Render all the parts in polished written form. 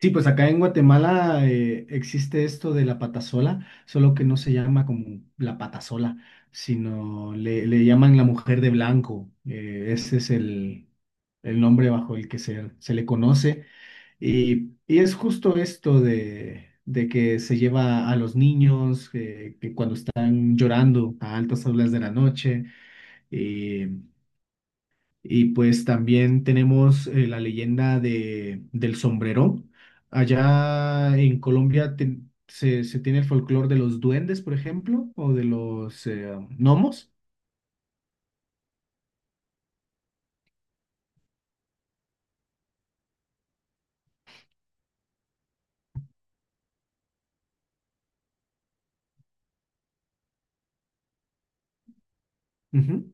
Sí, pues acá en Guatemala existe esto de la patasola, solo que no se llama como la patasola, sino le llaman la mujer de blanco. Eh, ese es el nombre bajo el que se le conoce. Y es justo esto de que se lleva a los niños que cuando están llorando a altas horas de la noche. Y pues también tenemos la leyenda del sombrero. Allá en Colombia se tiene el folclore de los duendes, por ejemplo, o de los gnomos. Ujú.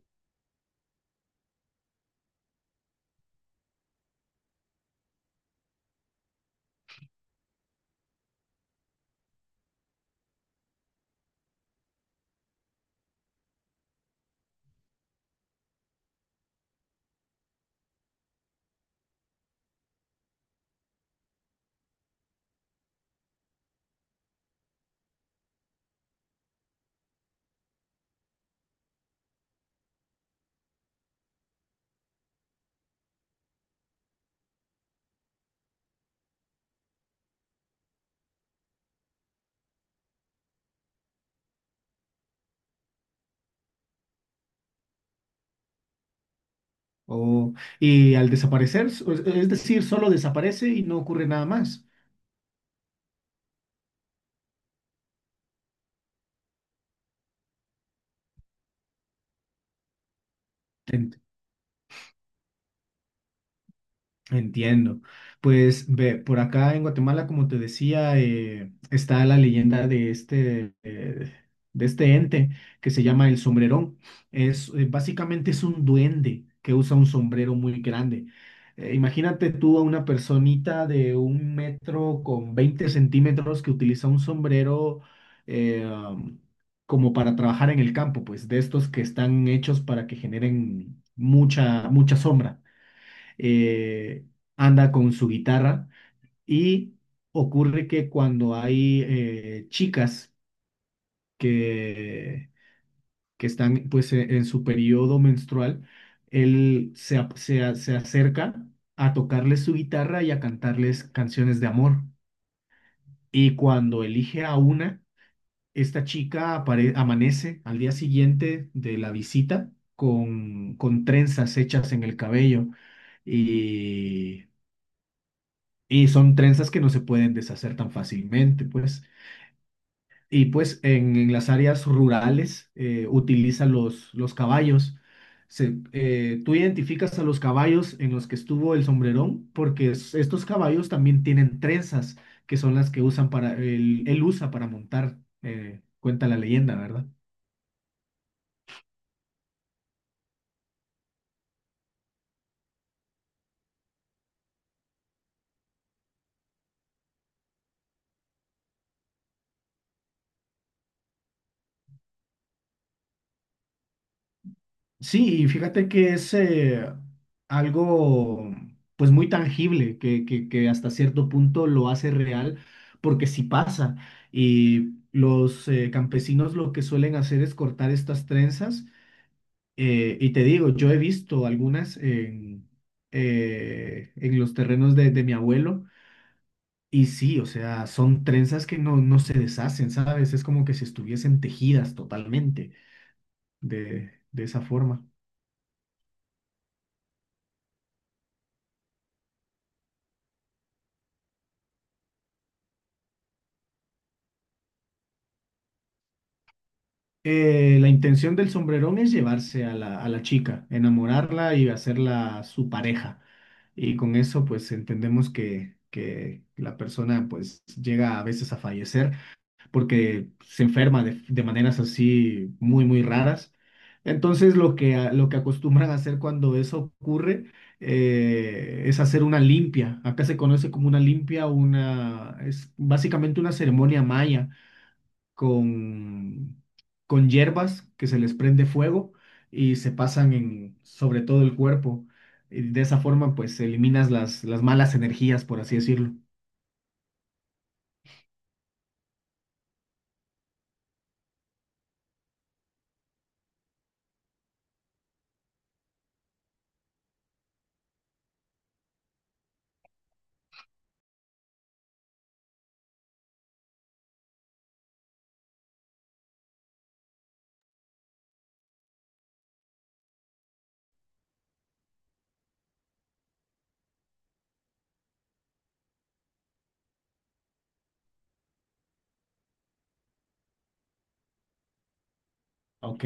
O, y al desaparecer, es decir, solo desaparece y no ocurre nada más. Entiendo. Pues ve, por acá en Guatemala, como te decía, está la leyenda de este ente que se llama el sombrerón. Es, básicamente es un duende que usa un sombrero muy grande. Imagínate tú a una personita de 1,20 m que utiliza un sombrero eh, um, como para trabajar en el campo, pues de estos que están hechos para que generen mucha, mucha sombra, eh, anda con su guitarra y ocurre que cuando hay chicas que, que están pues en su periodo menstrual, él se, ap- se, a- se acerca a tocarles su guitarra y a cantarles canciones de amor. Y cuando elige a una, esta chica amanece al día siguiente de la visita con trenzas hechas en el cabello. Y Y son trenzas que no se pueden deshacer tan fácilmente, pues. Y pues en las áreas rurales utilizan los caballos. Tú identificas a los caballos en los que estuvo el sombrerón, porque estos caballos también tienen trenzas, que son las que usan para, él usa para montar, cuenta la leyenda, ¿verdad? Sí, y fíjate que es algo pues muy tangible, que hasta cierto punto lo hace real, porque sí pasa. Y los campesinos lo que suelen hacer es cortar estas trenzas. Y te digo, yo he visto algunas en los terrenos de mi abuelo. Y sí, o sea, son trenzas que no, no se deshacen, ¿sabes? Es como que si estuviesen tejidas totalmente de esa forma. La intención del sombrerón es llevarse a a la chica, enamorarla y hacerla su pareja. Y con eso, pues entendemos que la persona pues llega a veces a fallecer porque se enferma de maneras así muy, muy raras. Entonces, lo que acostumbran a hacer cuando eso ocurre es hacer una limpia. Acá se conoce como una limpia, una, es básicamente una ceremonia maya con, con hierbas que se les prende fuego y se pasan en, sobre todo el cuerpo. Y de esa forma, pues eliminas las malas energías, por así decirlo. Ok.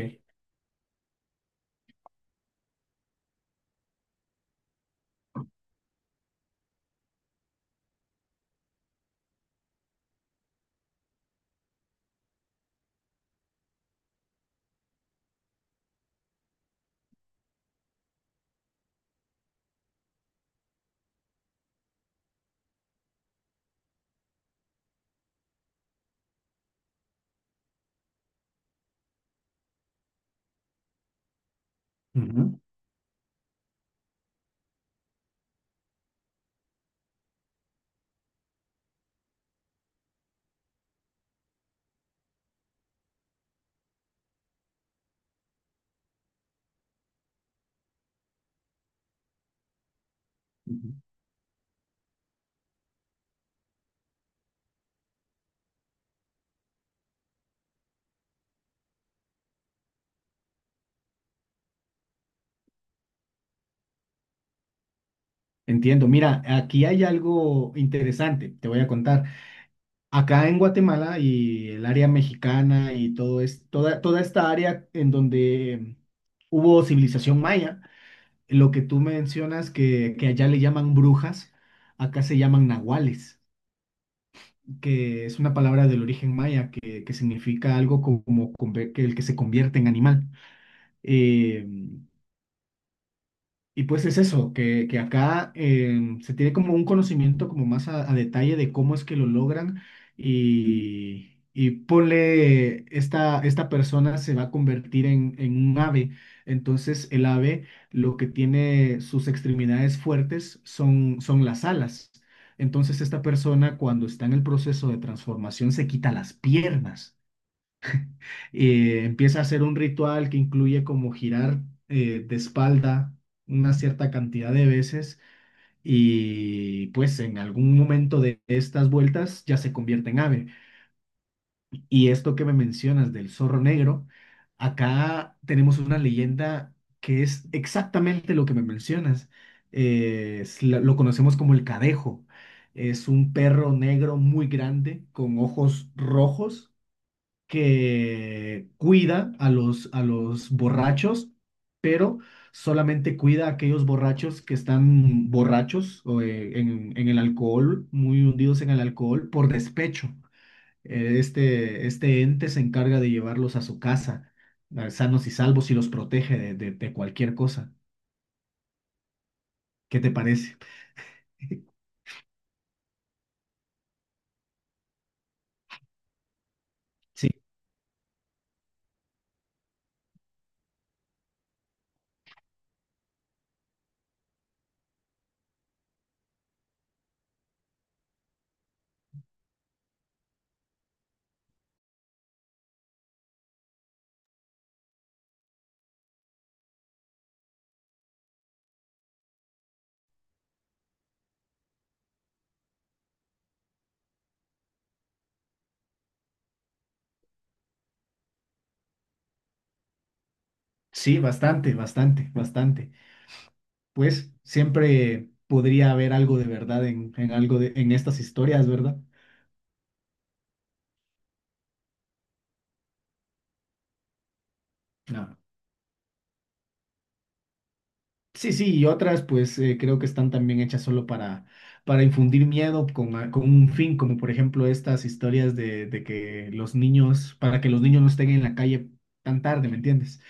Ujú, ujú. Entiendo. Mira, aquí hay algo interesante, te voy a contar. Acá en Guatemala y el área mexicana y todo es, toda, toda esta área en donde hubo civilización maya, lo que tú mencionas que allá le llaman brujas, acá se llaman nahuales, que es una palabra del origen maya que significa algo como, como que el que se convierte en animal. Eh, y pues es eso, que acá se tiene como un conocimiento como más a detalle de cómo es que lo logran y ponle, esta persona se va a convertir en un ave. Entonces el ave lo que tiene sus extremidades fuertes son, son las alas. Entonces esta persona cuando está en el proceso de transformación se quita las piernas, empieza a hacer un ritual que incluye como girar de espalda una cierta cantidad de veces, y pues en algún momento de estas vueltas ya se convierte en ave. Y esto que me mencionas del zorro negro, acá tenemos una leyenda que es exactamente lo que me mencionas. Es lo conocemos como el cadejo. Es un perro negro muy grande con ojos rojos que cuida a a los borrachos, pero solamente cuida a aquellos borrachos que están borrachos o, en el alcohol, muy hundidos en el alcohol, por despecho. Este ente se encarga de llevarlos a su casa, sanos y salvos, y los protege de cualquier cosa. ¿Qué te parece? Sí, sí, bastante, bastante, bastante. Pues siempre podría haber algo de verdad en algo de, en estas historias, ¿verdad? No. Sí, sí, y otras pues creo que están también hechas solo para infundir miedo con un fin, como por ejemplo estas historias de que los niños, para que los niños no estén en la calle tan tarde, ¿me entiendes?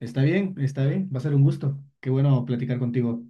Está bien, va a ser un gusto. Qué bueno platicar contigo.